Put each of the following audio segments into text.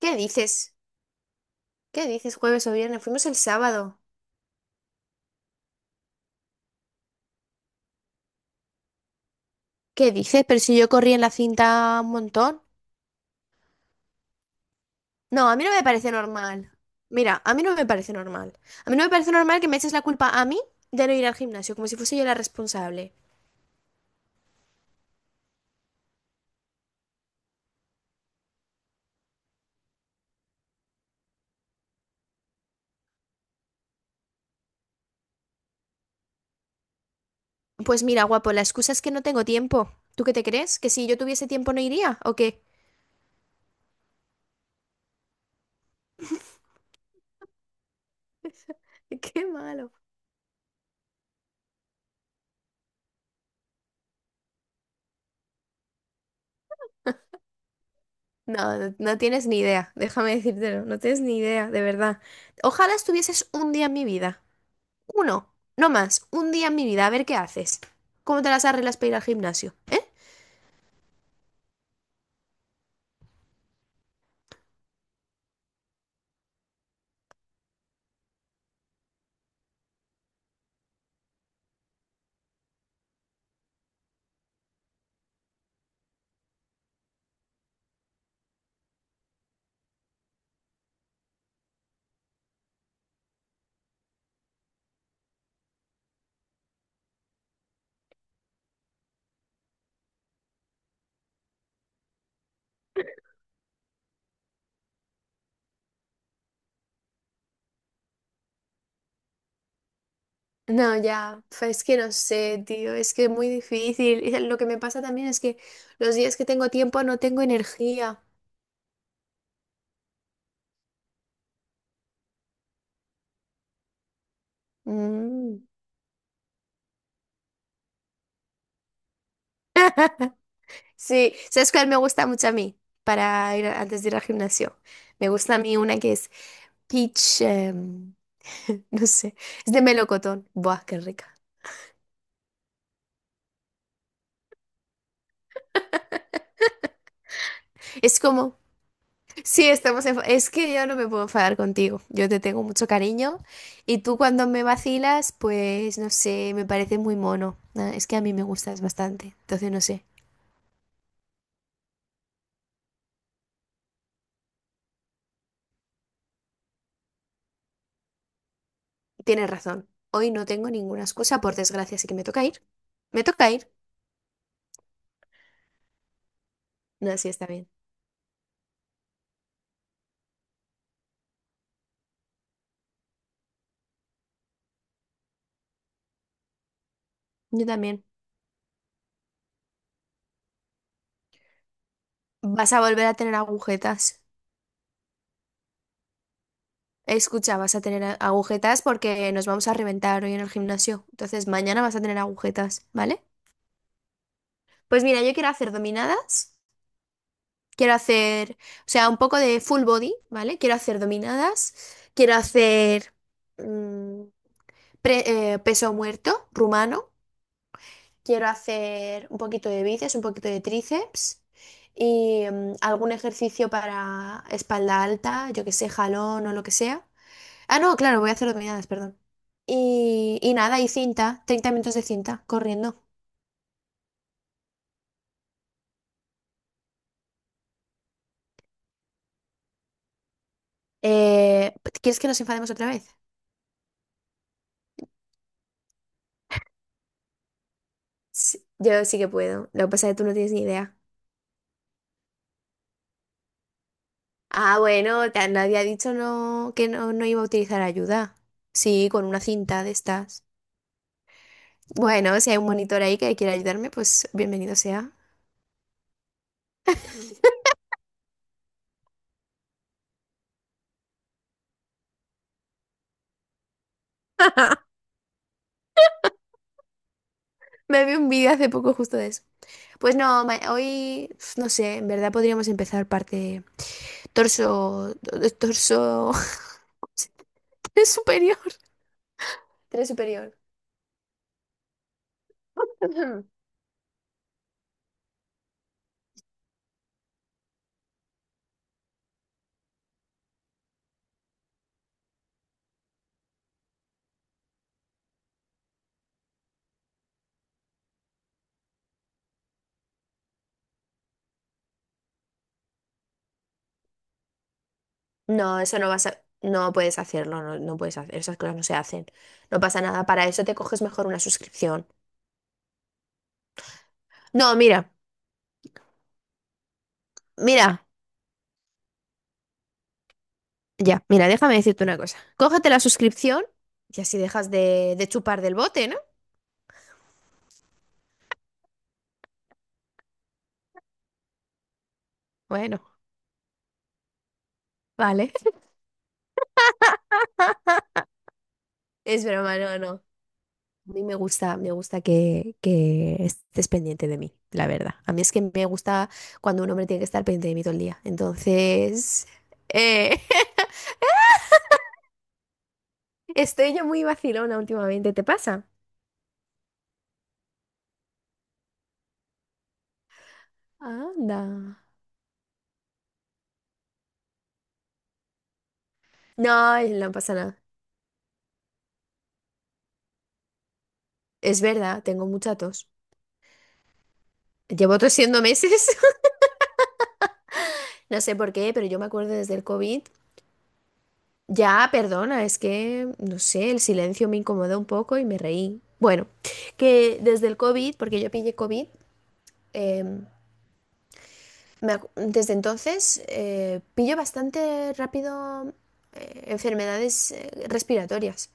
¿Qué dices? ¿Qué dices jueves o viernes? Fuimos el sábado. ¿Qué dices? Pero si yo corrí en la cinta un montón. No, a mí no me parece normal. Mira, a mí no me parece normal. A mí no me parece normal que me eches la culpa a mí de no ir al gimnasio, como si fuese yo la responsable. Pues mira, guapo, la excusa es que no tengo tiempo. ¿Tú qué te crees? ¿Que si yo tuviese tiempo no iría? ¿O qué? Qué malo. No, no, no tienes ni idea. Déjame decírtelo. No tienes ni idea, de verdad. Ojalá estuvieses un día en mi vida. Uno, no más, un día en mi vida, a ver qué haces. ¿Cómo te las arreglas para ir al gimnasio? No, ya, es que no sé, tío, es que es muy difícil. Y lo que me pasa también es que los días que tengo tiempo no tengo energía. Mm. Sí, ¿sabes cuál me gusta mucho a mí para ir antes de ir al gimnasio? Me gusta a mí una que es peach, no sé, es de melocotón. Buah, qué rica. Es como. Sí, estamos es que yo no me puedo enfadar contigo. Yo te tengo mucho cariño y tú cuando me vacilas, pues no sé, me parece muy mono. Ah, es que a mí me gustas bastante. Entonces, no sé. Tienes razón. Hoy no tengo ninguna excusa, por desgracia, así que me toca ir. Me toca ir. No, sí, está bien. Yo también. Vas a volver a tener agujetas. Escucha, vas a tener agujetas porque nos vamos a reventar hoy en el gimnasio. Entonces, mañana vas a tener agujetas, ¿vale? Pues mira, yo quiero hacer dominadas. Quiero hacer, o sea, un poco de full body, ¿vale? Quiero hacer dominadas, quiero hacer mm, peso muerto rumano, quiero hacer un poquito de bíceps, un poquito de tríceps y algún ejercicio para espalda alta, yo que sé, jalón o lo que sea. Ah, no, claro, voy a hacer dominadas, perdón. Y nada, y cinta, 30 minutos de cinta, corriendo. Eh, ¿Quieres que nos enfademos otra vez? Sí, yo sí que puedo, lo que pasa es que tú no tienes ni idea. Ah, bueno, nadie ha dicho no, que no, no iba a utilizar ayuda. Sí, con una cinta de estas. Bueno, si hay un monitor ahí que quiera ayudarme, pues bienvenido sea. Me vi un vídeo hace poco justo de eso. Pues no, hoy, no sé, en verdad podríamos empezar parte torso, torso tres superior. Tres superior. No, eso no vas a, no puedes hacerlo, no, no puedes hacer, esas cosas no se hacen. No pasa nada, para eso te coges mejor una suscripción. No, mira, mira. Ya, mira, déjame decirte una cosa. Cógete la suscripción y así dejas de chupar del bote, ¿no? Bueno, vale. Es broma, no, no. A mí me gusta que estés pendiente de mí, la verdad. A mí es que me gusta cuando un hombre tiene que estar pendiente de mí todo el día. Entonces, eh, estoy yo muy vacilona últimamente, ¿te pasa? Anda. No, no pasa nada. Es verdad, tengo mucha tos. Llevo tosiendo meses. No sé por qué, pero yo me acuerdo desde el COVID. Ya, perdona, es que, no sé, el silencio me incomodó un poco y me reí. Bueno, que desde el COVID, porque yo pillé COVID, em, desde entonces pillo bastante rápido enfermedades respiratorias.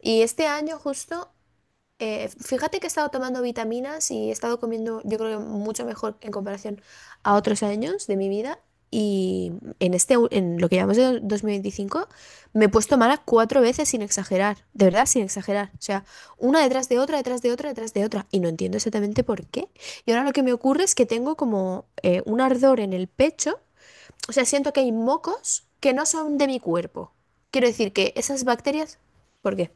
Y este año justo fíjate que he estado tomando vitaminas y he estado comiendo, yo creo que mucho mejor en comparación a otros años de mi vida. Y en lo que llamamos de 2025, me he puesto mala cuatro veces sin exagerar, de verdad sin exagerar. O sea, una detrás de otra, detrás de otra, detrás de otra. Y no entiendo exactamente por qué. Y ahora lo que me ocurre es que tengo como un ardor en el pecho. O sea, siento que hay mocos que no son de mi cuerpo. Quiero decir que esas bacterias... ¿Por qué?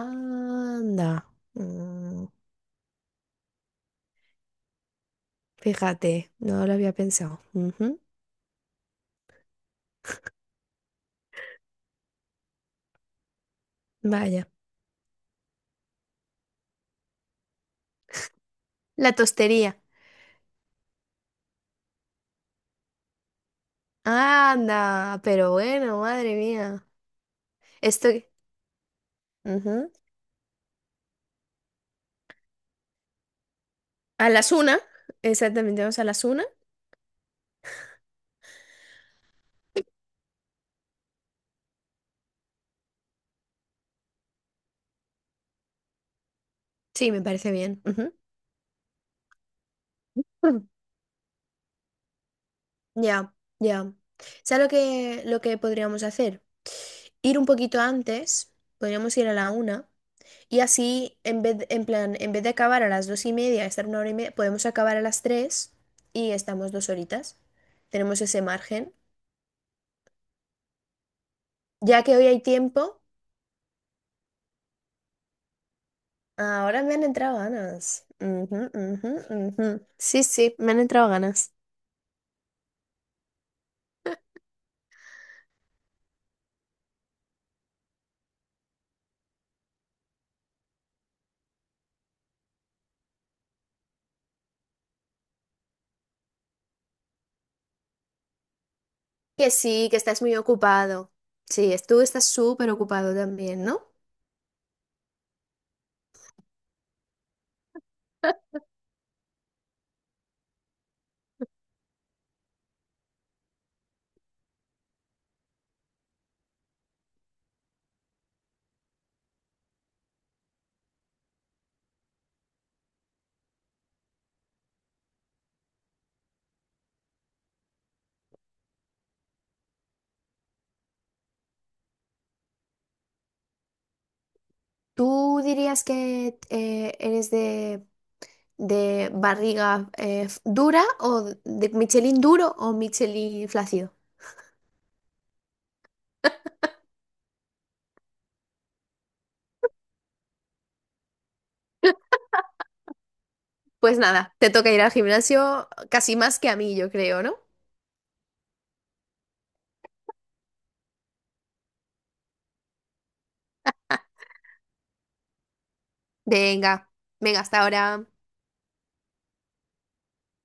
Anda. Mm, Fíjate, no lo había pensado. Ujú. Vaya. La tostería. Anda, pero bueno, madre mía. Estoy. Ujú. A las una. Exactamente, vamos a las una. Sí, me parece bien. Ujú. Ya, ya. ¿Sabes lo que podríamos hacer? Ir un poquito antes. Podríamos ir a la una. Y así, en plan, en vez de acabar a las dos y media, estar una hora y media, podemos acabar a las tres y estamos dos horitas. Tenemos ese margen. Ya que hoy hay tiempo, ahora me han entrado ganas. Ujú, ujú, ujú. Sí, sí, me han entrado ganas. Que sí, que estás muy ocupado. Sí, tú estás súper ocupado también, ¿no? ¿Tú dirías que eres de barriga dura o de Michelin duro o Michelin flácido? Pues nada, te toca ir al gimnasio casi más que a mí, yo creo, ¿no? Venga, venga, hasta ahora.